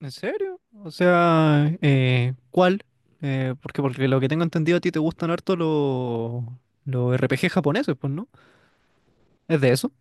¿En serio? O sea, ¿cuál? Porque lo que tengo entendido a ti te gustan harto los RPG japoneses, pues, ¿no? Es de eso.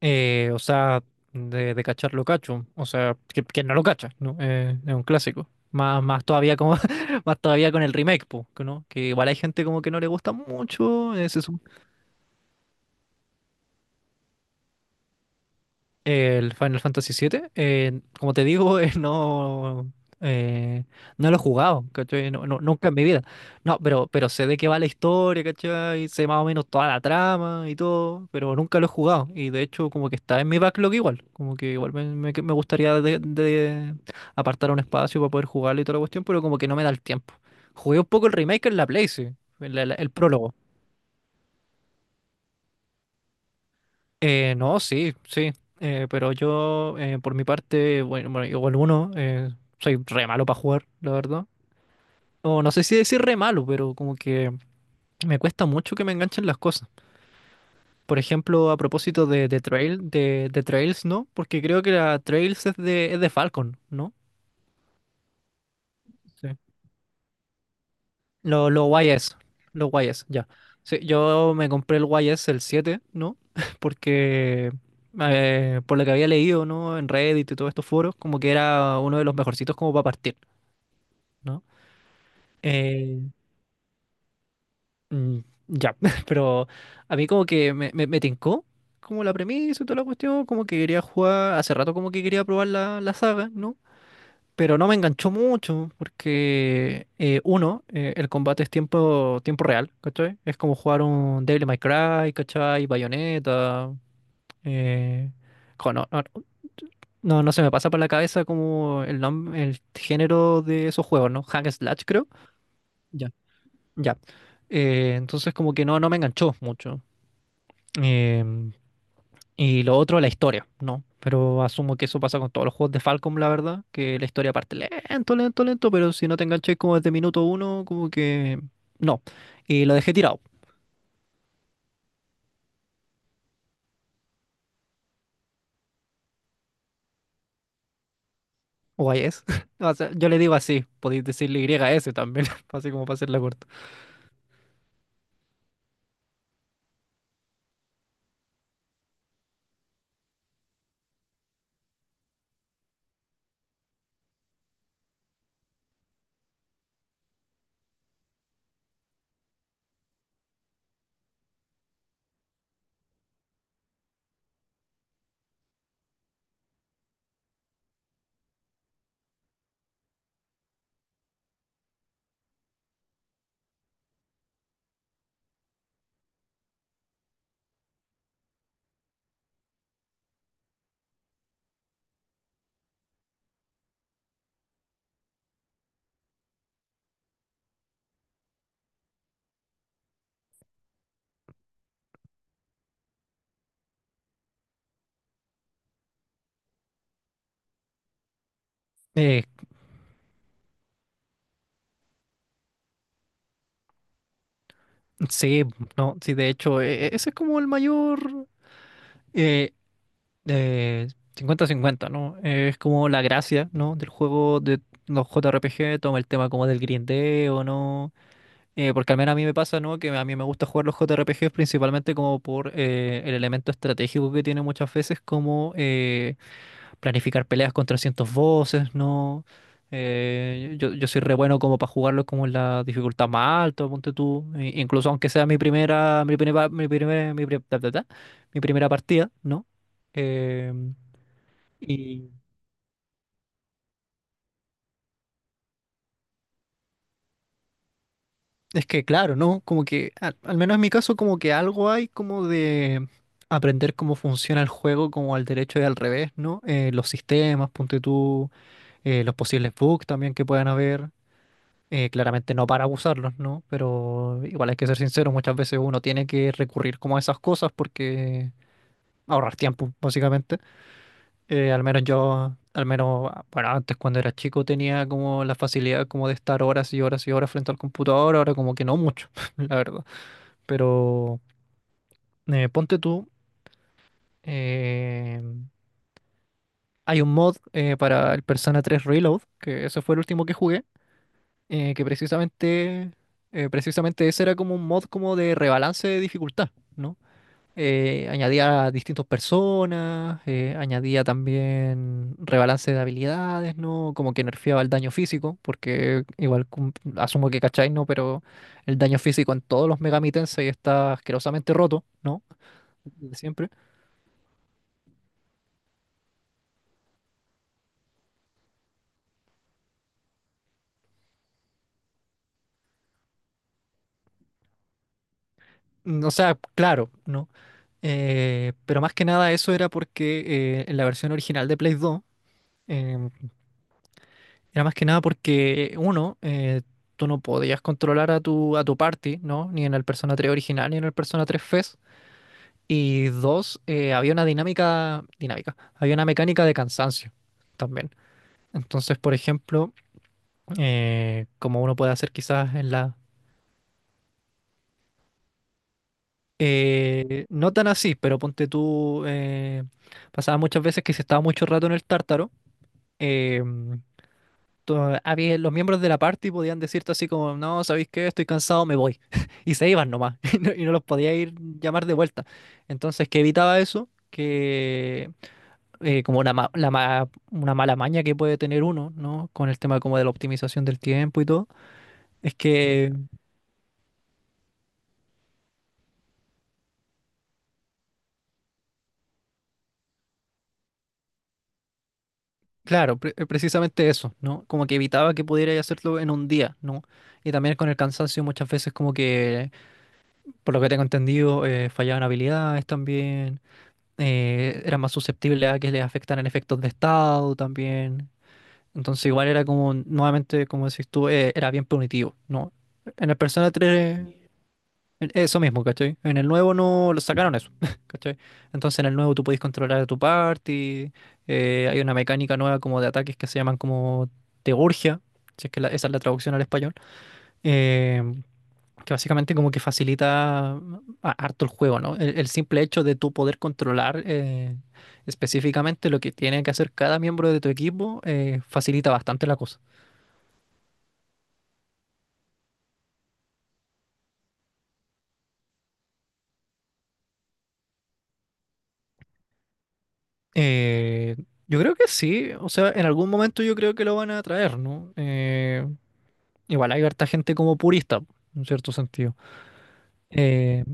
O sea, de cachar lo cacho. O sea, que no lo cacha, ¿no? Es un clásico. Más, más todavía como, más todavía con el remake, pues, ¿no? Que igual hay gente como que no le gusta mucho. Se El Final Fantasy siete como te digo, eh, no lo he jugado, ¿cachai? Nunca en mi vida. No, pero sé de qué va la historia, ¿cachai? Sé más o menos toda la trama y todo, pero nunca lo he jugado. Y de hecho, como que está en mi backlog igual. Como que igual me gustaría de apartar un espacio para poder jugarlo y toda la cuestión, pero como que no me da el tiempo. Jugué un poco el remake en la Play, sí, el prólogo. No, sí, sí, pero yo por mi parte, igual uno, soy re malo para jugar, la verdad. O no sé si decir re malo, pero como que me cuesta mucho que me enganchen las cosas. Por ejemplo, a propósito de Trail, de Trails, ¿no? Porque creo que la Trails es de Falcon, ¿no? Sí. Los YS, los YS, ya. Sí, yo me compré el YS, el 7 ¿no? Porque por lo que había leído, ¿no? En Reddit y todos estos foros, como que era uno de los mejorcitos como para partir, ¿no? Eh, mm, ya, pero a mí como que me tincó como la premisa y toda la cuestión, como que quería jugar, hace rato como que quería probar la, la saga, ¿no? Pero no me enganchó mucho porque, el combate es tiempo, tiempo real, ¿cachai? Es como jugar un Devil May Cry, ¿cachai? Bayonetta. Eh, jo, no, no, no- no se me pasa por la cabeza como el género de esos juegos, ¿no? Hack and Slash, creo. Ya. Ya. Entonces como que no, no me enganchó mucho. Em, Y lo otro, la historia, ¿no? Pero asumo que eso pasa con todos los juegos de Falcom, la verdad, que la historia parte lento, lento, lento, pero si no te enganché como desde minuto uno, como que no. Y lo dejé tirado, o es. O sea, yo le digo así, podéis decirle Y S también, así como para hacerla corta. Eh, sí, no, sí, de hecho, ese es como el mayor eh, eh, 50-50, ¿no? Es como la gracia, ¿no? Del juego de los JRPG, toma el tema como del grindeo, ¿no? Porque al menos a mí me pasa, ¿no? Que a mí me gusta jugar los JRPGs principalmente como por el elemento estratégico que tiene muchas veces, como planificar peleas con trescientos voces, ¿no? Yo soy re bueno como para jugarlo como en la dificultad más alta, ponte tú. Incluso aunque sea mi primera, mi primera, mi primera, mi pri- ta, ta, ta, mi primera partida, ¿no? Em, y Es que claro, ¿no? Como que, al menos en mi caso, como que algo hay como de aprender cómo funciona el juego, como al derecho y al revés, ¿no? Los sistemas, ponte tú, los posibles bugs también que puedan haber. Claramente no para abusarlos, ¿no? Pero igual hay que ser sincero, muchas veces uno tiene que recurrir como a esas cosas porque ahorrar tiempo, básicamente. Al menos yo, al menos, bueno, antes cuando era chico tenía como la facilidad como de estar horas y horas y horas frente al computador, ahora como que no mucho, la verdad. Pero ponte tú, eh, hay un mod para el Persona 3 Reload, que ese fue el último que jugué, eh, que precisamente, precisamente ese era como un mod como de rebalance de dificultad, ¿no? Añadía a distintas personas, añadía también rebalance de habilidades, ¿no? Como que nerfeaba el daño físico, porque igual asumo que cacháis, ¿no? Pero el daño físico en todos los Megami Tensei está asquerosamente roto, ¿no? Siempre O sea, claro, ¿no? Pero más que nada eso era porque en la versión original de Play 2, em, era más que nada porque, tú no podías controlar a a tu party, ¿no? Ni en el Persona 3 original, ni en el Persona 3 Fest. Y dos, había una había una mecánica de cansancio también. Entonces, por ejemplo, como uno puede hacer quizás en la, eh, no tan así, pero ponte tú, pasaba muchas veces que si estaba mucho rato en el tártaro, eh, había, los miembros de la party podían decirte así como, no, ¿sabéis qué? Estoy cansado, me voy. Y se iban nomás, y no los podía ir llamar de vuelta. Entonces, ¿qué evitaba eso? Que como una, ma- la ma- una mala maña que puede tener uno, ¿no? Con el tema como de la optimización del tiempo y todo, es que Claro, precisamente eso, ¿no? Como que evitaba que pudiera hacerlo en un día, ¿no? Y también con el cansancio muchas veces como que, por lo que tengo entendido, fallaban habilidades también, eran más susceptibles a que les afectaran efectos de estado también. Entonces igual era como, nuevamente, como decís tú, era bien punitivo, ¿no? En el Persona 3. Eso mismo, ¿cachai? En el nuevo no lo sacaron eso, ¿cachai? Entonces en el nuevo tú podés controlar a tu party, hay una mecánica nueva como de ataques que se llaman como teurgia, si es que esa es la traducción al español, eh, que básicamente como que harto el juego, ¿no? El simple hecho de tú poder controlar específicamente lo que tiene que hacer cada miembro de tu equipo facilita bastante la cosa. Eh, yo creo que sí, o sea, en algún momento yo creo que lo van a traer, ¿no? Igual hay harta gente como purista, en cierto sentido. Eh,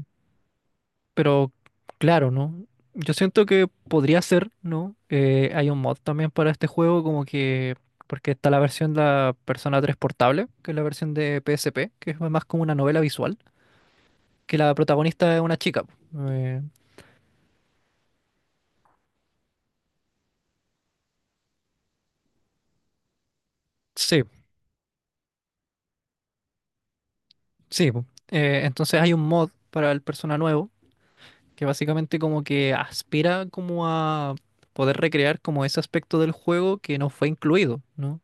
pero claro, ¿no? Yo siento que podría ser, ¿no? Hay un mod también para este juego, como que. Porque está la versión de la Persona 3 portable, que es la versión de PSP, que es más como una novela visual, que la protagonista es una chica. Eh, sí, sí. Po. Entonces hay un mod para el Persona nuevo que básicamente como que aspira como a poder recrear como ese aspecto del juego que no fue incluido, ¿no?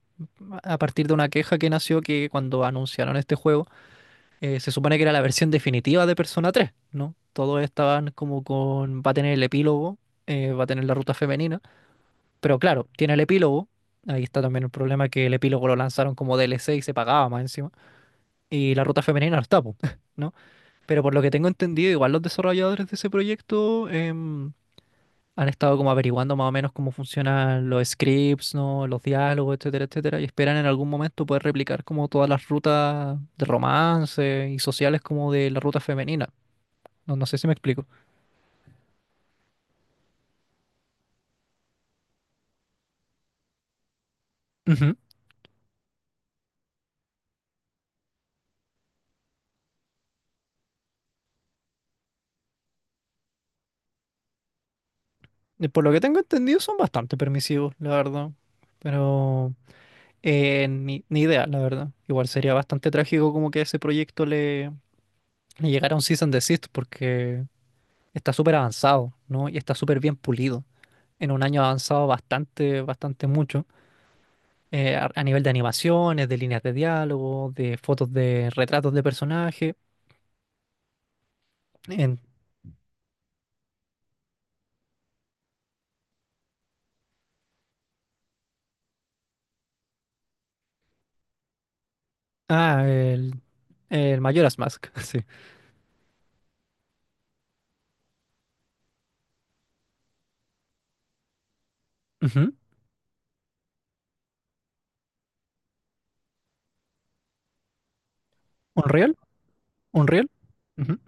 A partir de una queja que nació que cuando anunciaron este juego, se supone que era la versión definitiva de Persona 3, ¿no? Todos estaban como con, va a tener el epílogo, va a tener la ruta femenina, pero claro, tiene el epílogo, ahí está también el problema que el epílogo lo lanzaron como DLC y se pagaba más encima, y la ruta femenina no está, po, ¿no? Pero por lo que tengo entendido, igual los desarrolladores de ese proyecto... han estado como averiguando más o menos cómo funcionan los scripts, ¿no? Los diálogos, etcétera, etcétera, y esperan en algún momento poder replicar como todas las rutas de romance y sociales como de la ruta femenina. No, no sé si me explico. Ujú. Por lo que tengo entendido son bastante permisivos, la verdad. Pero ni idea, la verdad. Igual sería bastante trágico como que a ese le llegara un cease and desist porque está súper avanzado, ¿no? Y está súper bien pulido. En un año ha avanzado bastante, bastante mucho. Eh, a nivel de animaciones, de líneas de diálogo, de fotos de retratos de personaje. En, ah, el Majora's Mask, sí. Ujú. Unreal, Unreal. Ujú.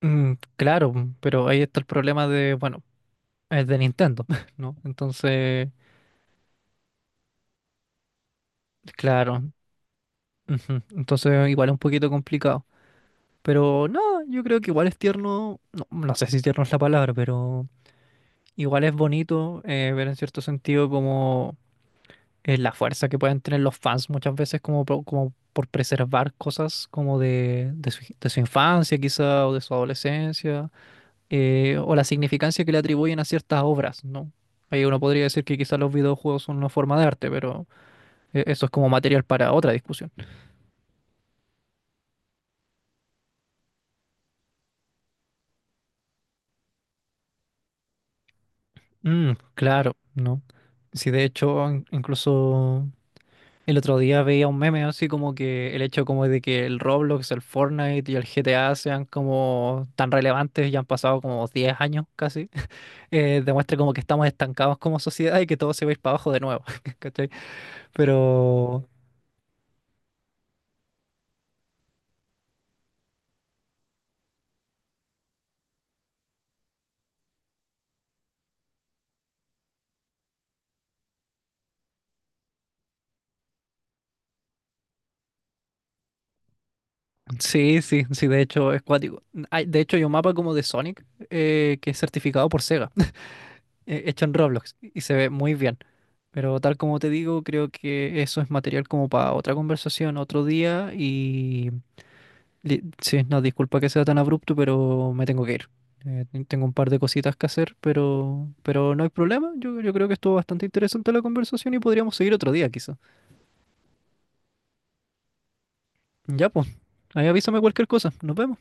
Mm, claro, pero ahí está el problema de, bueno, es de Nintendo, ¿no? Entonces, claro, ujú. Entonces igual es un poquito complicado. Pero no, yo creo que igual es tierno, no, no sé si tierno es la palabra, pero igual es bonito ver en cierto sentido como la fuerza que pueden tener los fans muchas veces como, como por preservar cosas como de su infancia quizá o de su adolescencia o la significancia que le atribuyen a ciertas obras, ¿no? Ahí uno podría decir que quizás los videojuegos son una forma de arte, pero eso es como material para otra discusión. Mm, claro, ¿no? Sí, de hecho, incluso el otro día veía un meme así como que el hecho como de que el Roblox, el Fortnite y el GTA sean como tan relevantes ya han pasado como 10 años casi, demuestra como que estamos estancados como sociedad y que todo se va a ir para abajo de nuevo, ¿cachai? Pero sí, sí, sí, de hecho es cuático. De hecho hay un mapa como de Sonic que es certificado por Sega, hecho en Roblox y se ve muy bien. Pero tal como te digo, creo que eso es material como para otra conversación otro día y... Sí, no, disculpa que sea tan abrupto, pero me tengo que ir. Tengo un par de cositas que hacer, pero no hay problema. Yo creo que estuvo bastante interesante la conversación y podríamos seguir otro día, quizá. Ya, pues. Ahí avísame cualquier cosa. Nos vemos.